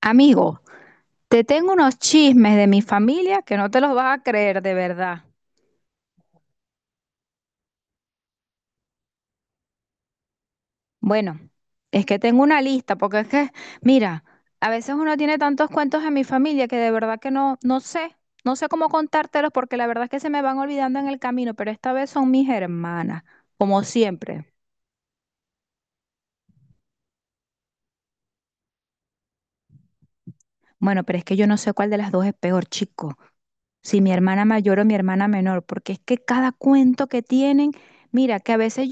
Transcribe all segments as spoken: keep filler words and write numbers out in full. Amigo, te tengo unos chismes de mi familia que no te los vas a creer de verdad. Bueno, es que tengo una lista, porque es que, mira, a veces uno tiene tantos cuentos en mi familia que de verdad que no, no sé, no sé cómo contártelos porque la verdad es que se me van olvidando en el camino, pero esta vez son mis hermanas, como siempre. Bueno, pero es que yo no sé cuál de las dos es peor, chico, si mi hermana mayor o mi hermana menor, porque es que cada cuento que tienen, mira, que a veces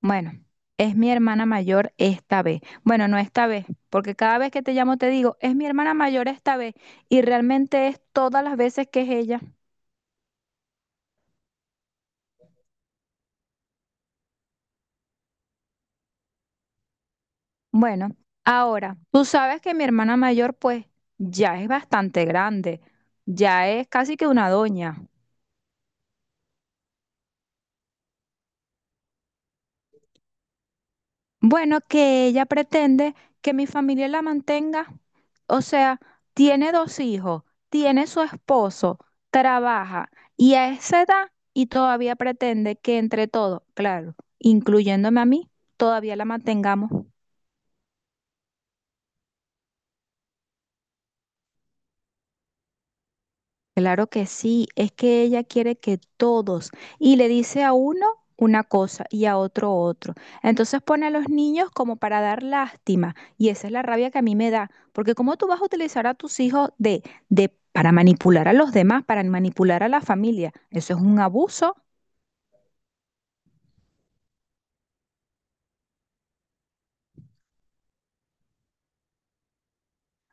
Bueno, es mi hermana mayor esta vez. Bueno, no esta vez, porque cada vez que te llamo te digo, es mi hermana mayor esta vez, y realmente es todas las veces que es ella. Bueno, ahora, tú sabes que mi hermana mayor pues ya es bastante grande, ya es casi que una doña. Bueno, que ella pretende que mi familia la mantenga. O sea, tiene dos hijos, tiene su esposo, trabaja y a esa edad y todavía pretende que entre todos, claro, incluyéndome a mí, todavía la mantengamos. Claro que sí, es que ella quiere que todos, y le dice a uno una cosa y a otro otro. Entonces pone a los niños como para dar lástima, y esa es la rabia que a mí me da, porque cómo tú vas a utilizar a tus hijos de, de para manipular a los demás, para manipular a la familia, eso es un abuso.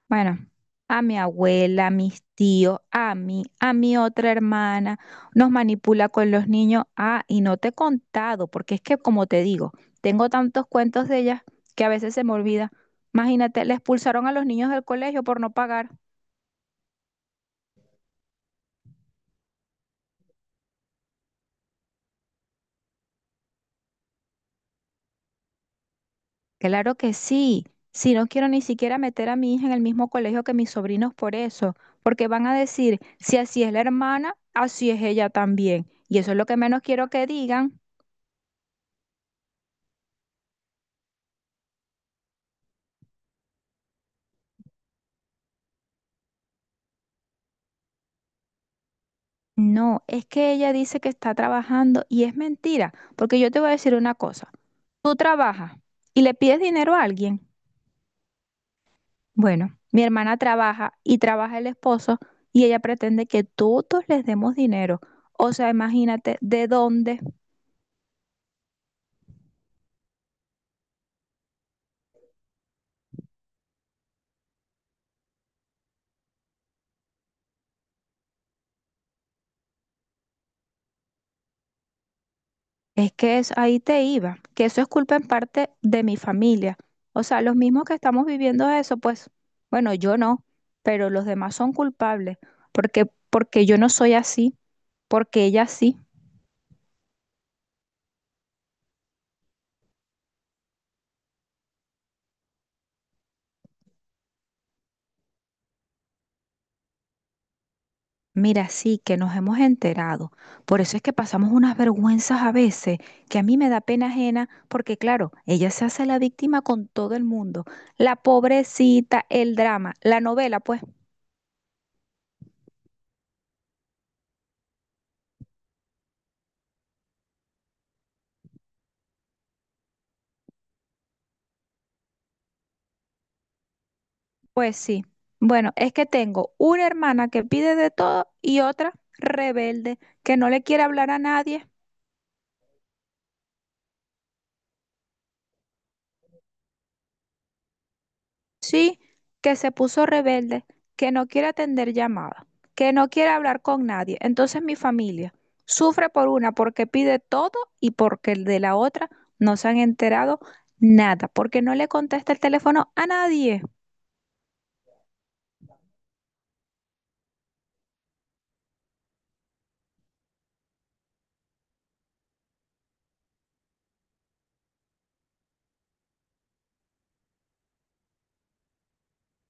Bueno, a mi abuela, a mis tíos, a mí, a mi otra hermana, nos manipula con los niños. Ah, y no te he contado, porque es que como te digo, tengo tantos cuentos de ellas que a veces se me olvida. Imagínate, le expulsaron a los niños del colegio por no pagar. Claro que sí, si no quiero ni siquiera meter a mi hija en el mismo colegio que mis sobrinos por eso, porque van a decir, si así es la hermana, así es ella también. Y eso es lo que menos quiero que digan. No, es que ella dice que está trabajando y es mentira, porque yo te voy a decir una cosa. Tú trabajas y le pides dinero a alguien. Bueno, mi hermana trabaja y trabaja el esposo y ella pretende que todos les demos dinero. O sea, imagínate de dónde. Es que es, ahí te iba, que eso es culpa en parte de mi familia. O sea, los mismos que estamos viviendo eso, pues, bueno, yo no, pero los demás son culpables, porque, porque yo no soy así, porque ella sí. Mira, sí, que nos hemos enterado. Por eso es que pasamos unas vergüenzas a veces, que a mí me da pena ajena, porque claro, ella se hace la víctima con todo el mundo. La pobrecita, el drama, la novela, pues, pues sí. Bueno, es que tengo una hermana que pide de todo y otra rebelde, que no le quiere hablar a nadie. Sí, que se puso rebelde, que no quiere atender llamadas, que no quiere hablar con nadie. Entonces mi familia sufre por una porque pide todo y porque el de la otra no se han enterado nada, porque no le contesta el teléfono a nadie.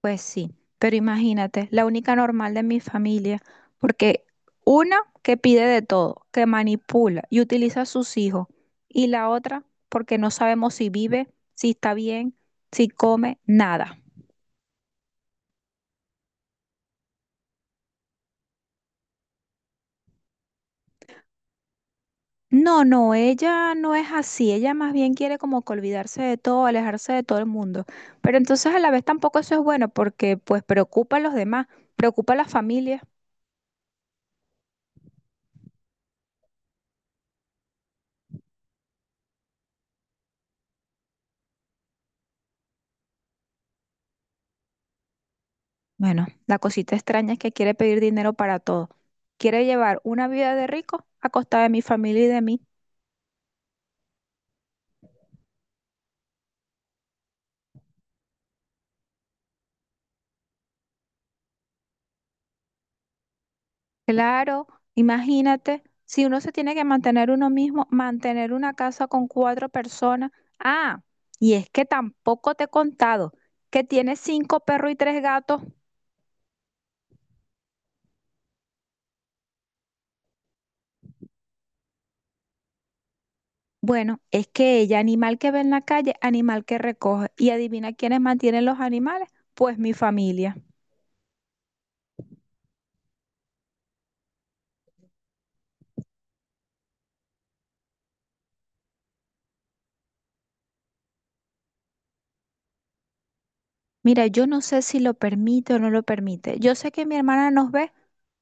Pues sí, pero imagínate, la única normal de mi familia, porque una que pide de todo, que manipula y utiliza a sus hijos, y la otra porque no sabemos si vive, si está bien, si come, nada. No, no, ella no es así, ella más bien quiere como que olvidarse de todo, alejarse de todo el mundo, pero entonces a la vez tampoco eso es bueno porque pues preocupa a los demás, preocupa a las familias. Bueno, la cosita extraña es que quiere pedir dinero para todo, quiere llevar una vida de rico a costa de mi familia y de mí. Claro, imagínate, si uno se tiene que mantener uno mismo, mantener una casa con cuatro personas. Ah, y es que tampoco te he contado que tiene cinco perros y tres gatos. Bueno, es que ella, animal que ve en la calle, animal que recoge. Y adivina quiénes mantienen los animales, pues mi familia. Mira, yo no sé si lo permite o no lo permite. Yo sé que mi hermana nos ve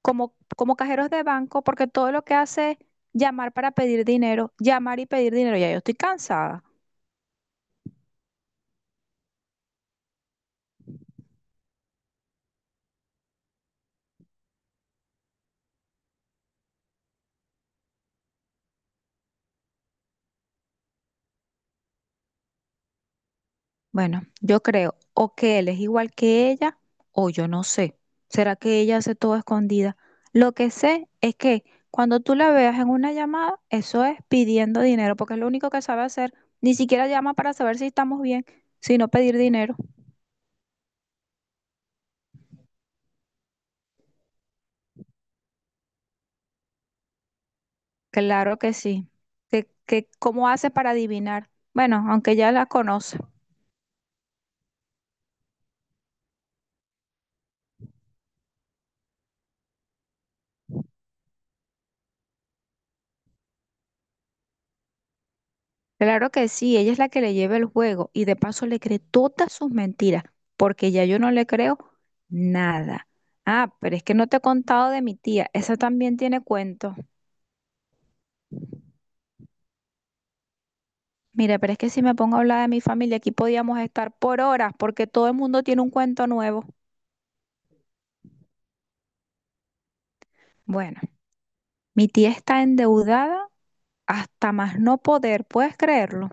como, como cajeros de banco porque todo lo que hace es llamar para pedir dinero, llamar y pedir dinero. Ya yo estoy cansada. Bueno, yo creo o que él es igual que ella o yo no sé. ¿Será que ella hace todo escondida? Lo que sé es que cuando tú la veas en una llamada, eso es pidiendo dinero, porque es lo único que sabe hacer. Ni siquiera llama para saber si estamos bien, sino pedir dinero. Claro que sí. Que que cómo hace para adivinar? Bueno, aunque ya la conoce. Claro que sí, ella es la que le lleva el juego y de paso le cree todas sus mentiras, porque ya yo no le creo nada. Ah, pero es que no te he contado de mi tía, esa también tiene cuentos. Mira, pero es que si me pongo a hablar de mi familia, aquí podíamos estar por horas, porque todo el mundo tiene un cuento nuevo. Bueno, mi tía está endeudada hasta más no poder, ¿puedes creerlo?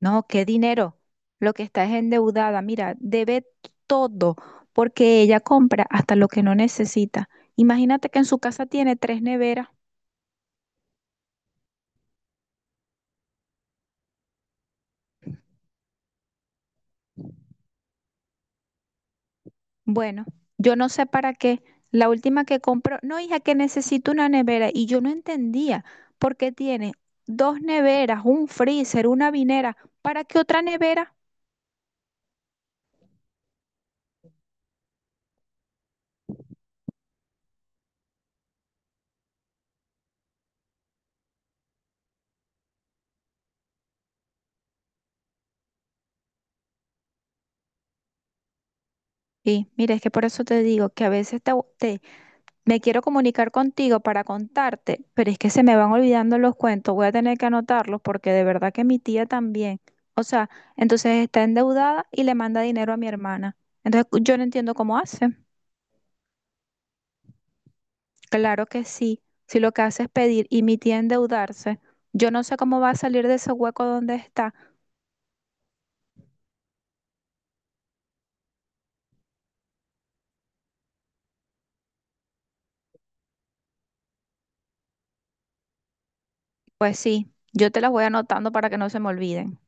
No, qué dinero. Lo que está es endeudada. Mira, debe todo porque ella compra hasta lo que no necesita. Imagínate que en su casa tiene tres neveras. Bueno, yo no sé para qué. La última que compró, no, hija, que necesito una nevera. Y yo no entendía por qué tiene dos neveras, un freezer, una vinera. ¿Para qué otra nevera? Sí, mira, es que por eso te digo que a veces te, te- me quiero comunicar contigo para contarte, pero es que se me van olvidando los cuentos, voy a tener que anotarlos porque de verdad que mi tía también, o sea, entonces está endeudada y le manda dinero a mi hermana. Entonces cu- yo no entiendo cómo hace. Claro que sí, si lo que hace es pedir y mi tía endeudarse, yo no sé cómo va a salir de ese hueco donde está. Pues sí, yo te las voy anotando para que no se me olviden.